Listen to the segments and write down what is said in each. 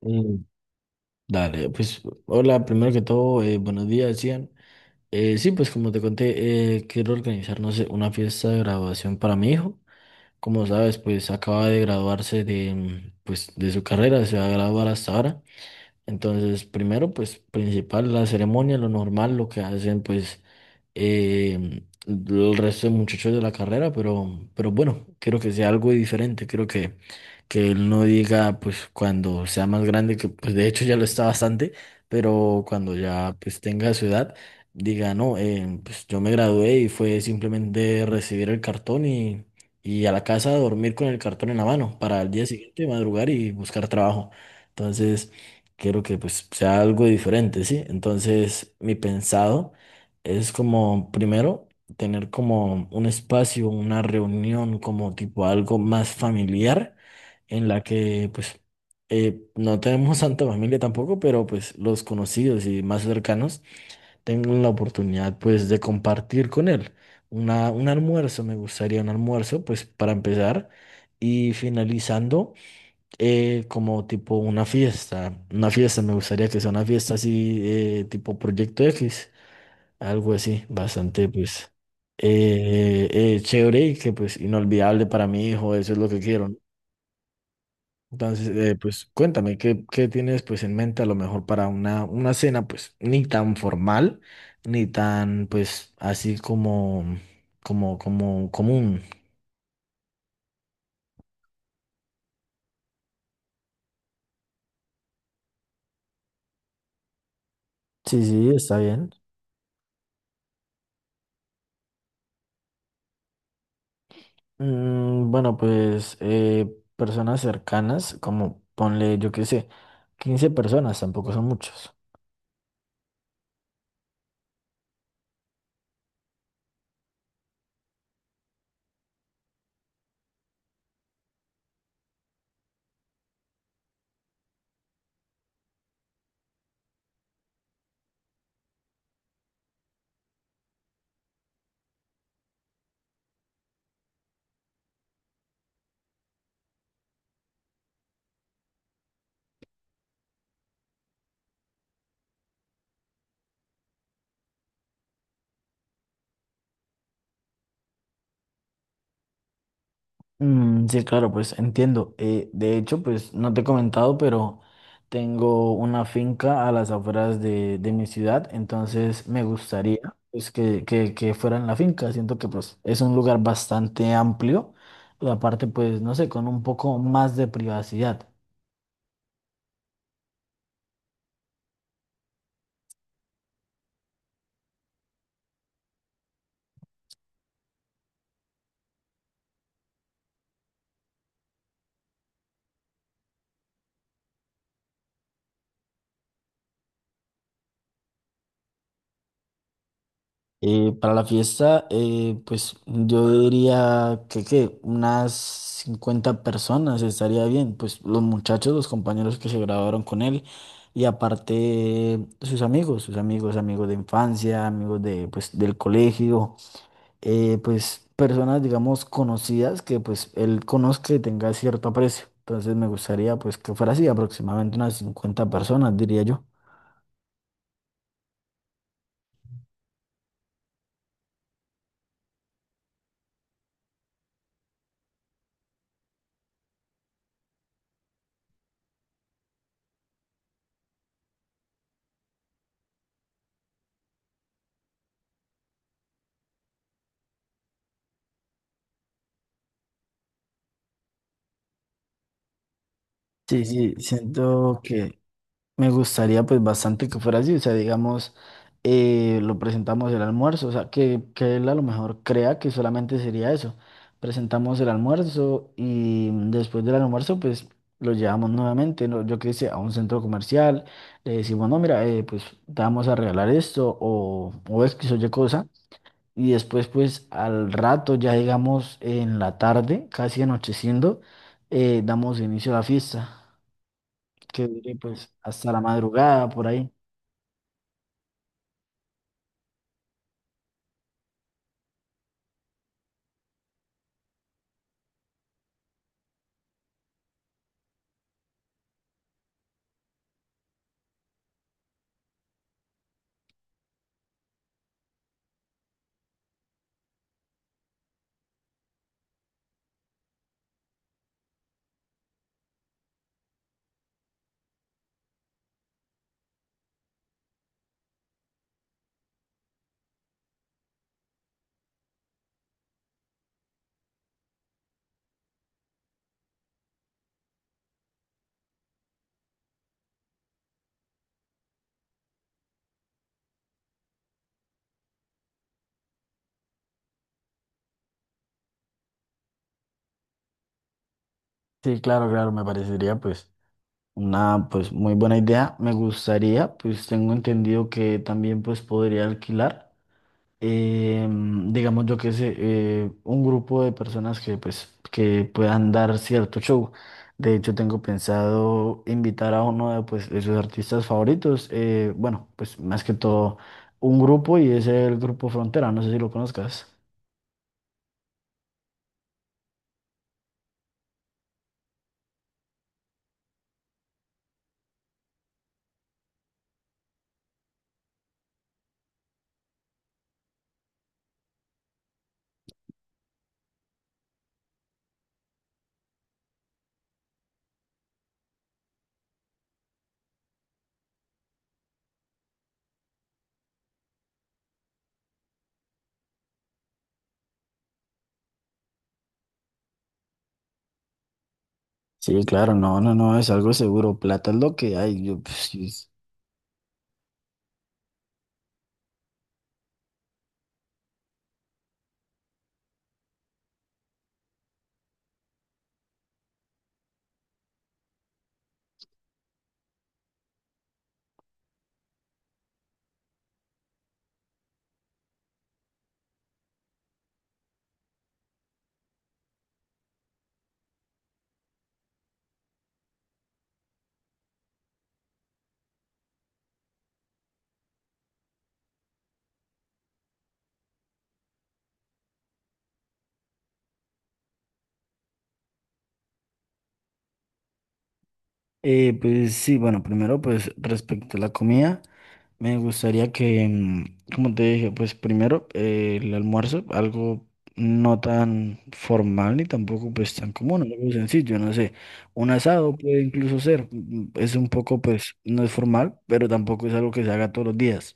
Mm, Dale, pues hola, primero que todo, buenos días, Ian. Sí, pues como te conté, quiero organizar, no sé, una fiesta de graduación para mi hijo. Como sabes, pues acaba de graduarse de, pues, de su carrera, se va a graduar hasta ahora. Entonces, primero, pues principal, la ceremonia, lo normal, lo que hacen, pues el resto de muchachos de la carrera, pero bueno, quiero que sea algo diferente, quiero que él no diga, pues cuando sea más grande, que pues de hecho ya lo está bastante, pero cuando ya pues tenga su edad, diga, no, pues yo me gradué y fue simplemente recibir el cartón y a la casa a dormir con el cartón en la mano para el día siguiente madrugar y buscar trabajo. Entonces, quiero que pues sea algo diferente, ¿sí? Entonces, mi pensado es como, primero, tener como un espacio, una reunión, como tipo algo más familiar, en la que pues no tenemos tanta familia tampoco, pero pues los conocidos y más cercanos tengan la oportunidad pues de compartir con él. Una, un almuerzo, me gustaría un almuerzo, pues para empezar. Y finalizando, como tipo una fiesta. Una fiesta, me gustaría que sea una fiesta así, tipo Proyecto X. Algo así, bastante, pues, chévere y que, pues, inolvidable para mi hijo, eso es lo que quiero, ¿no? Entonces, pues, cuéntame, ¿qué, qué tienes, pues, en mente a lo mejor para una cena, pues, ni tan formal, ni tan, pues, así como, como, como común? Sí, sí, está bien. Bueno, pues, personas cercanas, como, ponle, yo qué sé, 15 personas, tampoco son muchos. Mm, sí, claro, pues entiendo. De hecho, pues no te he comentado, pero tengo una finca a las afueras de mi ciudad, entonces me gustaría pues, que fuera en la finca. Siento que pues es un lugar bastante amplio y aparte pues no sé, con un poco más de privacidad. Para la fiesta, pues yo diría que, ¿qué? unas 50 personas estaría bien, pues los muchachos, los compañeros que se graduaron con él y aparte sus amigos, amigos de infancia, amigos de, pues, del colegio, pues personas, digamos, conocidas que pues él conozca y tenga cierto aprecio. Entonces me gustaría pues que fuera así, aproximadamente unas 50 personas, diría yo. Sí, sí, siento que me gustaría pues bastante que fuera así, o sea, digamos, lo presentamos el almuerzo, o sea, que él a lo mejor crea que solamente sería eso. Presentamos el almuerzo y después del almuerzo pues lo llevamos nuevamente, ¿no? Yo qué sé, a un centro comercial, le decimos, no, mira, pues te vamos a regalar esto o es que soy cosa. Y después pues al rato, ya digamos en la tarde, casi anocheciendo, damos inicio a la fiesta, que dure pues hasta la madrugada por ahí. Sí, claro, claro, me parecería pues una pues muy buena idea. Me gustaría, pues tengo entendido que también pues podría alquilar, digamos yo que sé, un grupo de personas que pues que puedan dar cierto show. De hecho, tengo pensado invitar a uno de pues de sus artistas favoritos. Bueno, pues más que todo un grupo y es el grupo Frontera, no sé si lo conozcas. Sí, claro, no, no, no, es algo seguro. Plata es lo que hay. Yo, pues. Pues sí, bueno, primero pues respecto a la comida, me gustaría que, como te dije, pues primero el almuerzo, algo no tan formal ni tampoco pues tan común, algo sencillo, no sé, un asado puede incluso ser, es un poco pues no es formal, pero tampoco es algo que se haga todos los días.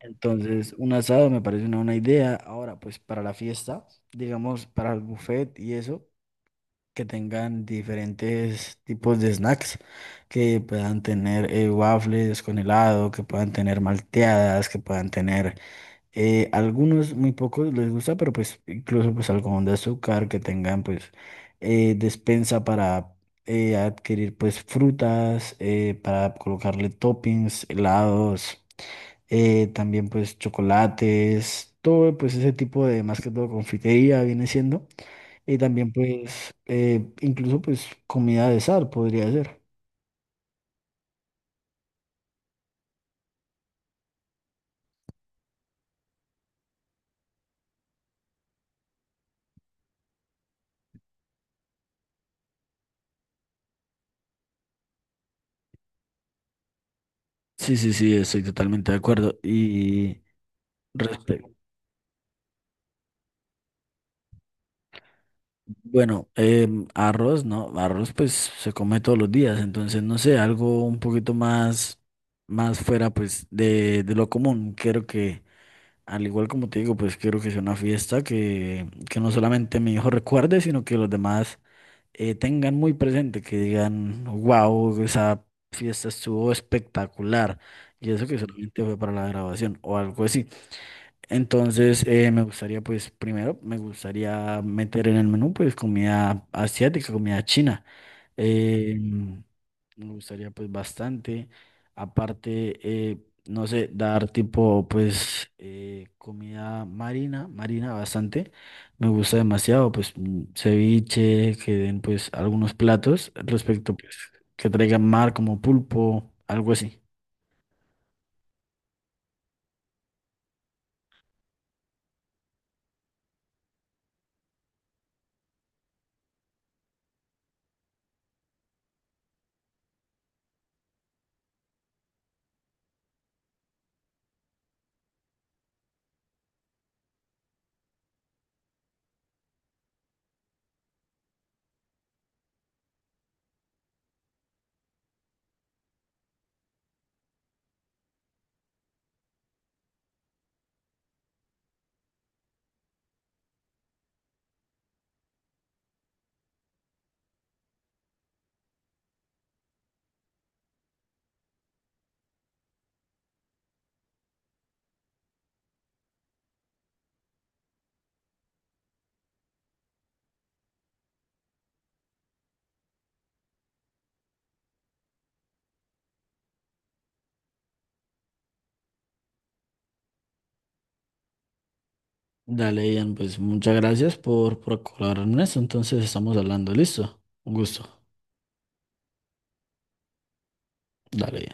Entonces, un asado me parece una buena idea. Ahora, pues para la fiesta, digamos, para el buffet y eso que tengan diferentes tipos de snacks, que puedan tener waffles con helado, que puedan tener malteadas, que puedan tener algunos, muy pocos les gusta, pero pues incluso pues algodón de azúcar, que tengan pues despensa para adquirir pues frutas, para colocarle toppings, helados, también pues chocolates, todo pues ese tipo de más que todo confitería viene siendo. Y también pues incluso pues comida de sal podría ser. Sí, sí, sí, estoy totalmente de acuerdo. Respe- bueno, arroz, ¿no? Arroz pues se come todos los días, entonces no sé, algo un poquito más, más fuera pues de lo común. Quiero que, al igual como te digo, pues quiero que sea una fiesta que no solamente mi hijo recuerde, sino que los demás tengan muy presente, que digan, wow, esa fiesta estuvo espectacular, y eso que solamente fue para la grabación o algo así. Entonces, me gustaría, pues, primero, me gustaría meter en el menú, pues, comida asiática, comida china. Ujú. Me gustaría pues bastante. Aparte, no sé, dar tipo pues comida marina, marina bastante. Me gusta demasiado pues ceviche, que den pues algunos platos respecto pues que traigan mar como pulpo, algo así. Dale, Ian, pues muchas gracias por colaborar en eso. Entonces estamos hablando, ¿listo? Un gusto. Dale.